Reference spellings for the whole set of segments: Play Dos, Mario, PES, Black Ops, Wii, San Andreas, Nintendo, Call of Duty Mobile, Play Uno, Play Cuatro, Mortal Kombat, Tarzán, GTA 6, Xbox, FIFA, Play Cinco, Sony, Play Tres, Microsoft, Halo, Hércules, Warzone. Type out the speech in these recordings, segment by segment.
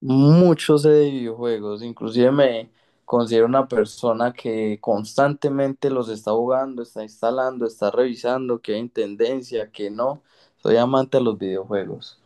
Mucho sé de videojuegos, inclusive me considero una persona que constantemente los está jugando, está instalando, está revisando, que hay en tendencia, que no. Soy amante de los videojuegos.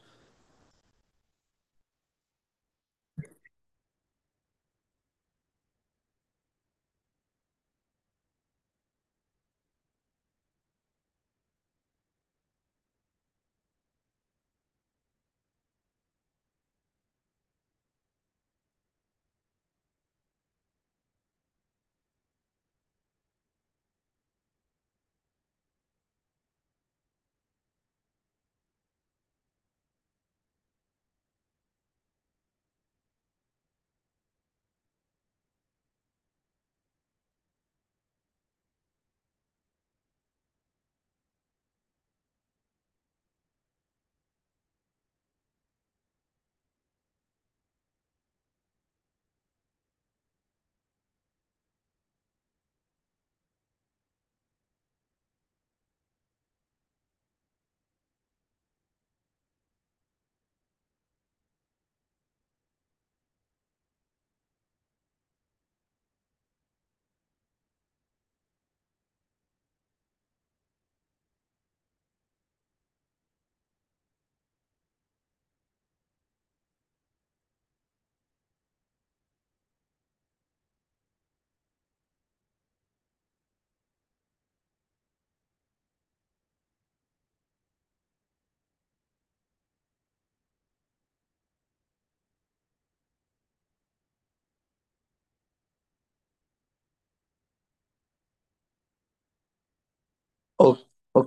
O- o-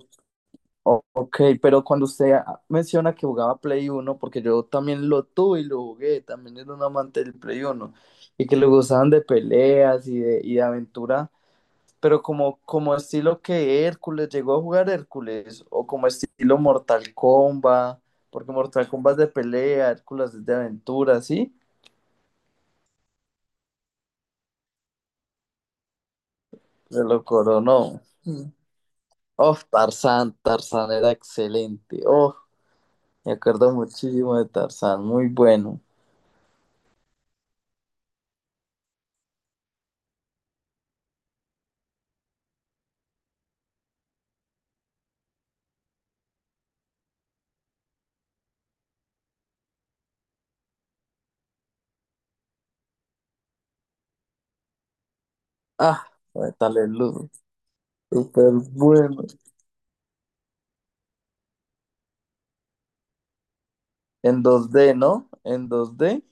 ok, pero cuando usted menciona que jugaba Play Uno, porque yo también lo tuve y lo jugué, también era un amante del Play Uno y que le gustaban de peleas y de aventura, pero como estilo que Hércules, llegó a jugar Hércules, o como estilo Mortal Kombat, porque Mortal Kombat es de pelea, Hércules es de aventura, ¿sí? Se lo coronó. Mm. Oh, Tarzán, Tarzán era excelente. Oh, me acuerdo muchísimo de Tarzán, muy bueno. Ah, tal el ludo súper bueno. En 2D, ¿no? En 2D.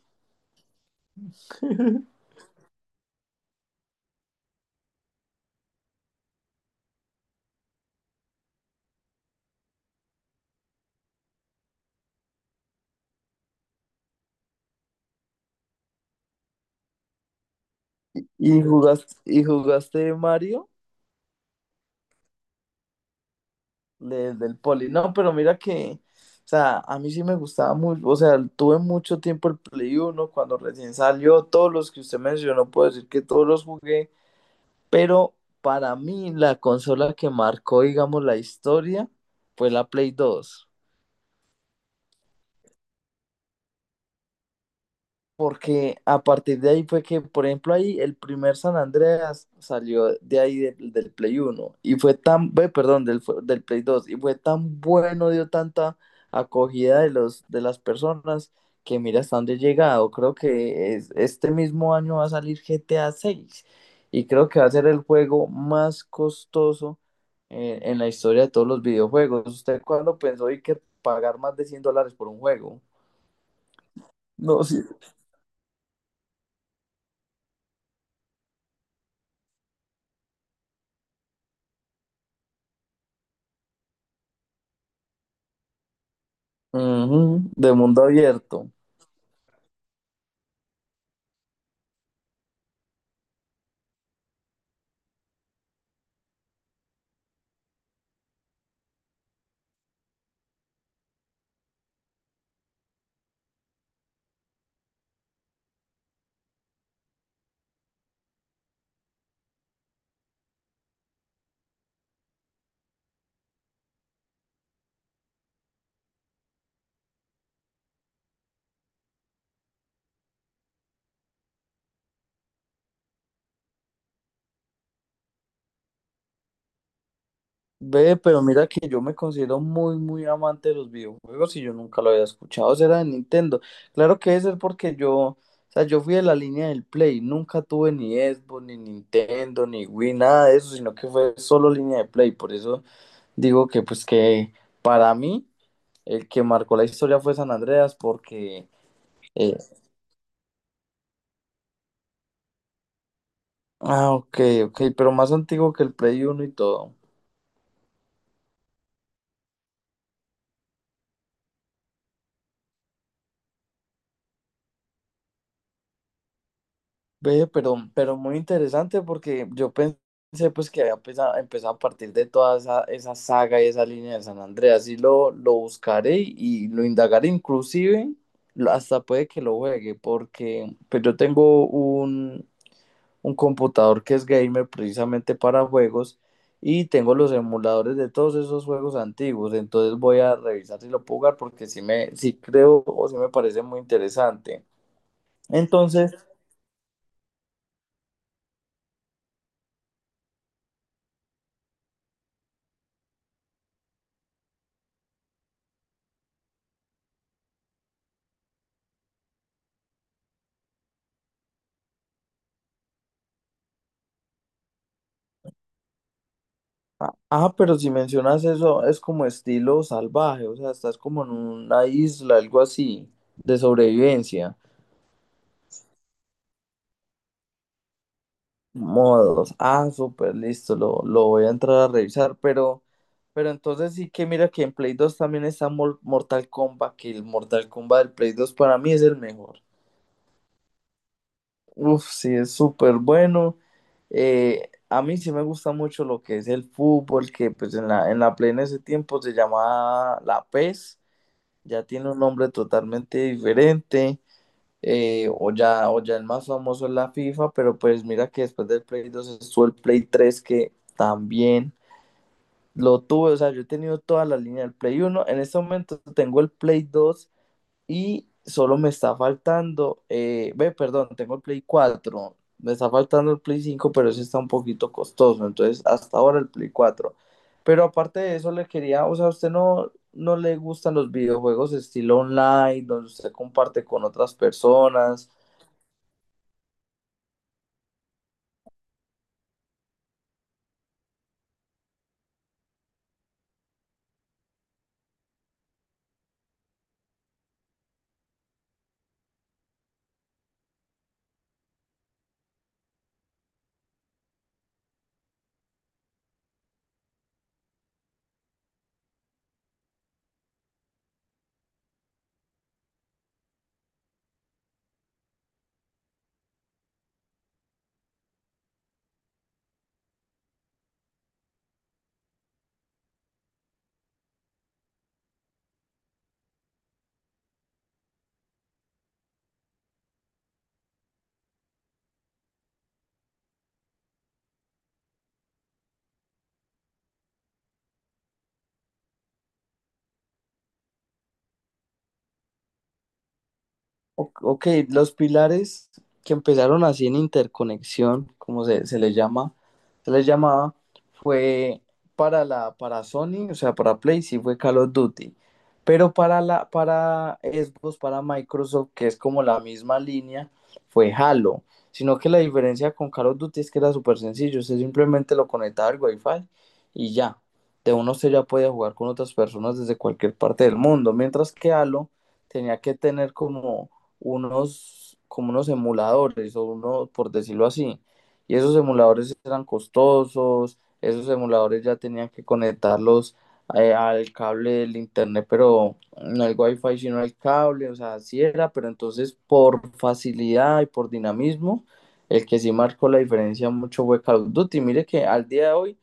Y jugaste Mario? De- del poli. No, pero mira que, o sea, a mí sí me gustaba mucho, o sea, tuve mucho tiempo el Play uno cuando recién salió, todos los que usted mencionó, puedo decir que todos los jugué, pero para mí la consola que marcó, digamos, la historia fue la Play dos porque a partir de ahí fue que, por ejemplo, ahí el primer San Andreas salió de ahí del Play Uno y fue tan, ve, perdón, fu- del Play Dos y fue tan bueno, dio tanta acogida de de las personas que mira hasta dónde he llegado. Creo que es- este mismo año va a salir GTA 6 y creo que va a ser el juego más costoso en la historia de todos los videojuegos. ¿Usted cuándo pensó y que pagar más de $100 por un juego? No. Ujú, de mundo abierto. Ve, pero mira que yo me considero muy, muy amante de los videojuegos y yo nunca lo había escuchado. Será de Nintendo. Claro que debe ser porque yo, o sea, yo fui de la línea del Play. Nunca tuve ni Xbox, ni Nintendo, ni Wii, nada de eso, sino que fue solo línea de Play. Por eso digo que, pues, que para mí el que marcó la historia fue San Andreas porque. eh, ah, ok, ok, pero más antiguo que el Play Uno y todo. Ve, pero muy interesante porque yo pensé pues que había empezado a partir de toda esa saga y esa línea de San Andreas y lo buscaré y lo indagaré inclusive lo- hasta puede que lo juegue porque pues yo tengo un computador que es gamer precisamente para juegos y tengo los emuladores de todos esos juegos antiguos. Entonces voy a revisar si lo puedo jugar porque si me, sí creo o si me parece muy interesante. Entonces... Ah, ah, pero si mencionas eso, es como estilo salvaje, o sea, estás como en una isla, algo así, de sobrevivencia. Modos. Ah, súper, listo, lo voy a entrar a revisar, pero entonces sí que mira que en Play 2 también está Mor- Mortal Kombat, que el Mortal Kombat del Play 2 para mí es el mejor. Uf, sí, es súper bueno. A mí sí me gusta mucho lo que es el fútbol, que pues en en la Play en ese tiempo se llamaba la PES, ya tiene un nombre totalmente diferente. O ya el más famoso es la FIFA, pero pues mira que después del Play dos estuvo el Play tres que también lo tuve, o sea, yo he tenido toda la línea del Play uno. En este momento tengo el Play dos y solo me está faltando, ve, perdón, tengo el Play cuatro, me está faltando el Play cinco, pero ese está un poquito costoso, entonces hasta ahora el Play cuatro. Pero aparte de eso, le quería, o sea, ¿a usted no, no le gustan los videojuegos estilo online, donde usted comparte con otras personas? Ok, los pilares que empezaron así en interconexión, como se les llama, se les llamaba, fue para para Sony, o sea, para Play, sí fue Call of Duty. Pero para para Xbox, para Microsoft, que es como la misma línea, fue Halo. Sino que la diferencia con Call of Duty es que era súper sencillo. Usted simplemente lo conectaba al Wi-Fi y ya. De uno usted ya podía jugar con otras personas desde cualquier parte del mundo. Mientras que Halo tenía que tener como como unos emuladores o uno, por decirlo así. Y esos emuladores eran costosos, esos emuladores ya tenían que conectarlos al cable del internet, pero no el wifi, sino el cable, o sea, así era, pero entonces por facilidad y por dinamismo, el que sí marcó la diferencia mucho fue Call of Duty. Mire que al día de hoy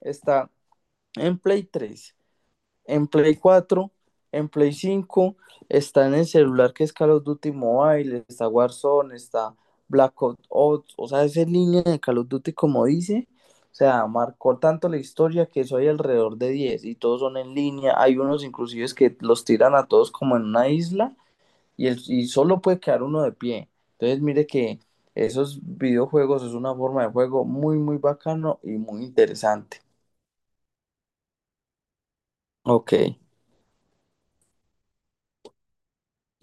está en Play 3, en Play cuatro, en Play cinco, está en el celular que es Call of Duty Mobile, está Warzone, está Black Ops, o sea, es en línea de Call of Duty como dice. O sea, marcó tanto la historia que eso hay alrededor de 10 y todos son en línea. Hay unos inclusive que los tiran a todos como en una isla y, el, y solo puede quedar uno de pie. Entonces, mire que esos videojuegos es una forma de juego muy, muy bacano y muy interesante. Ok.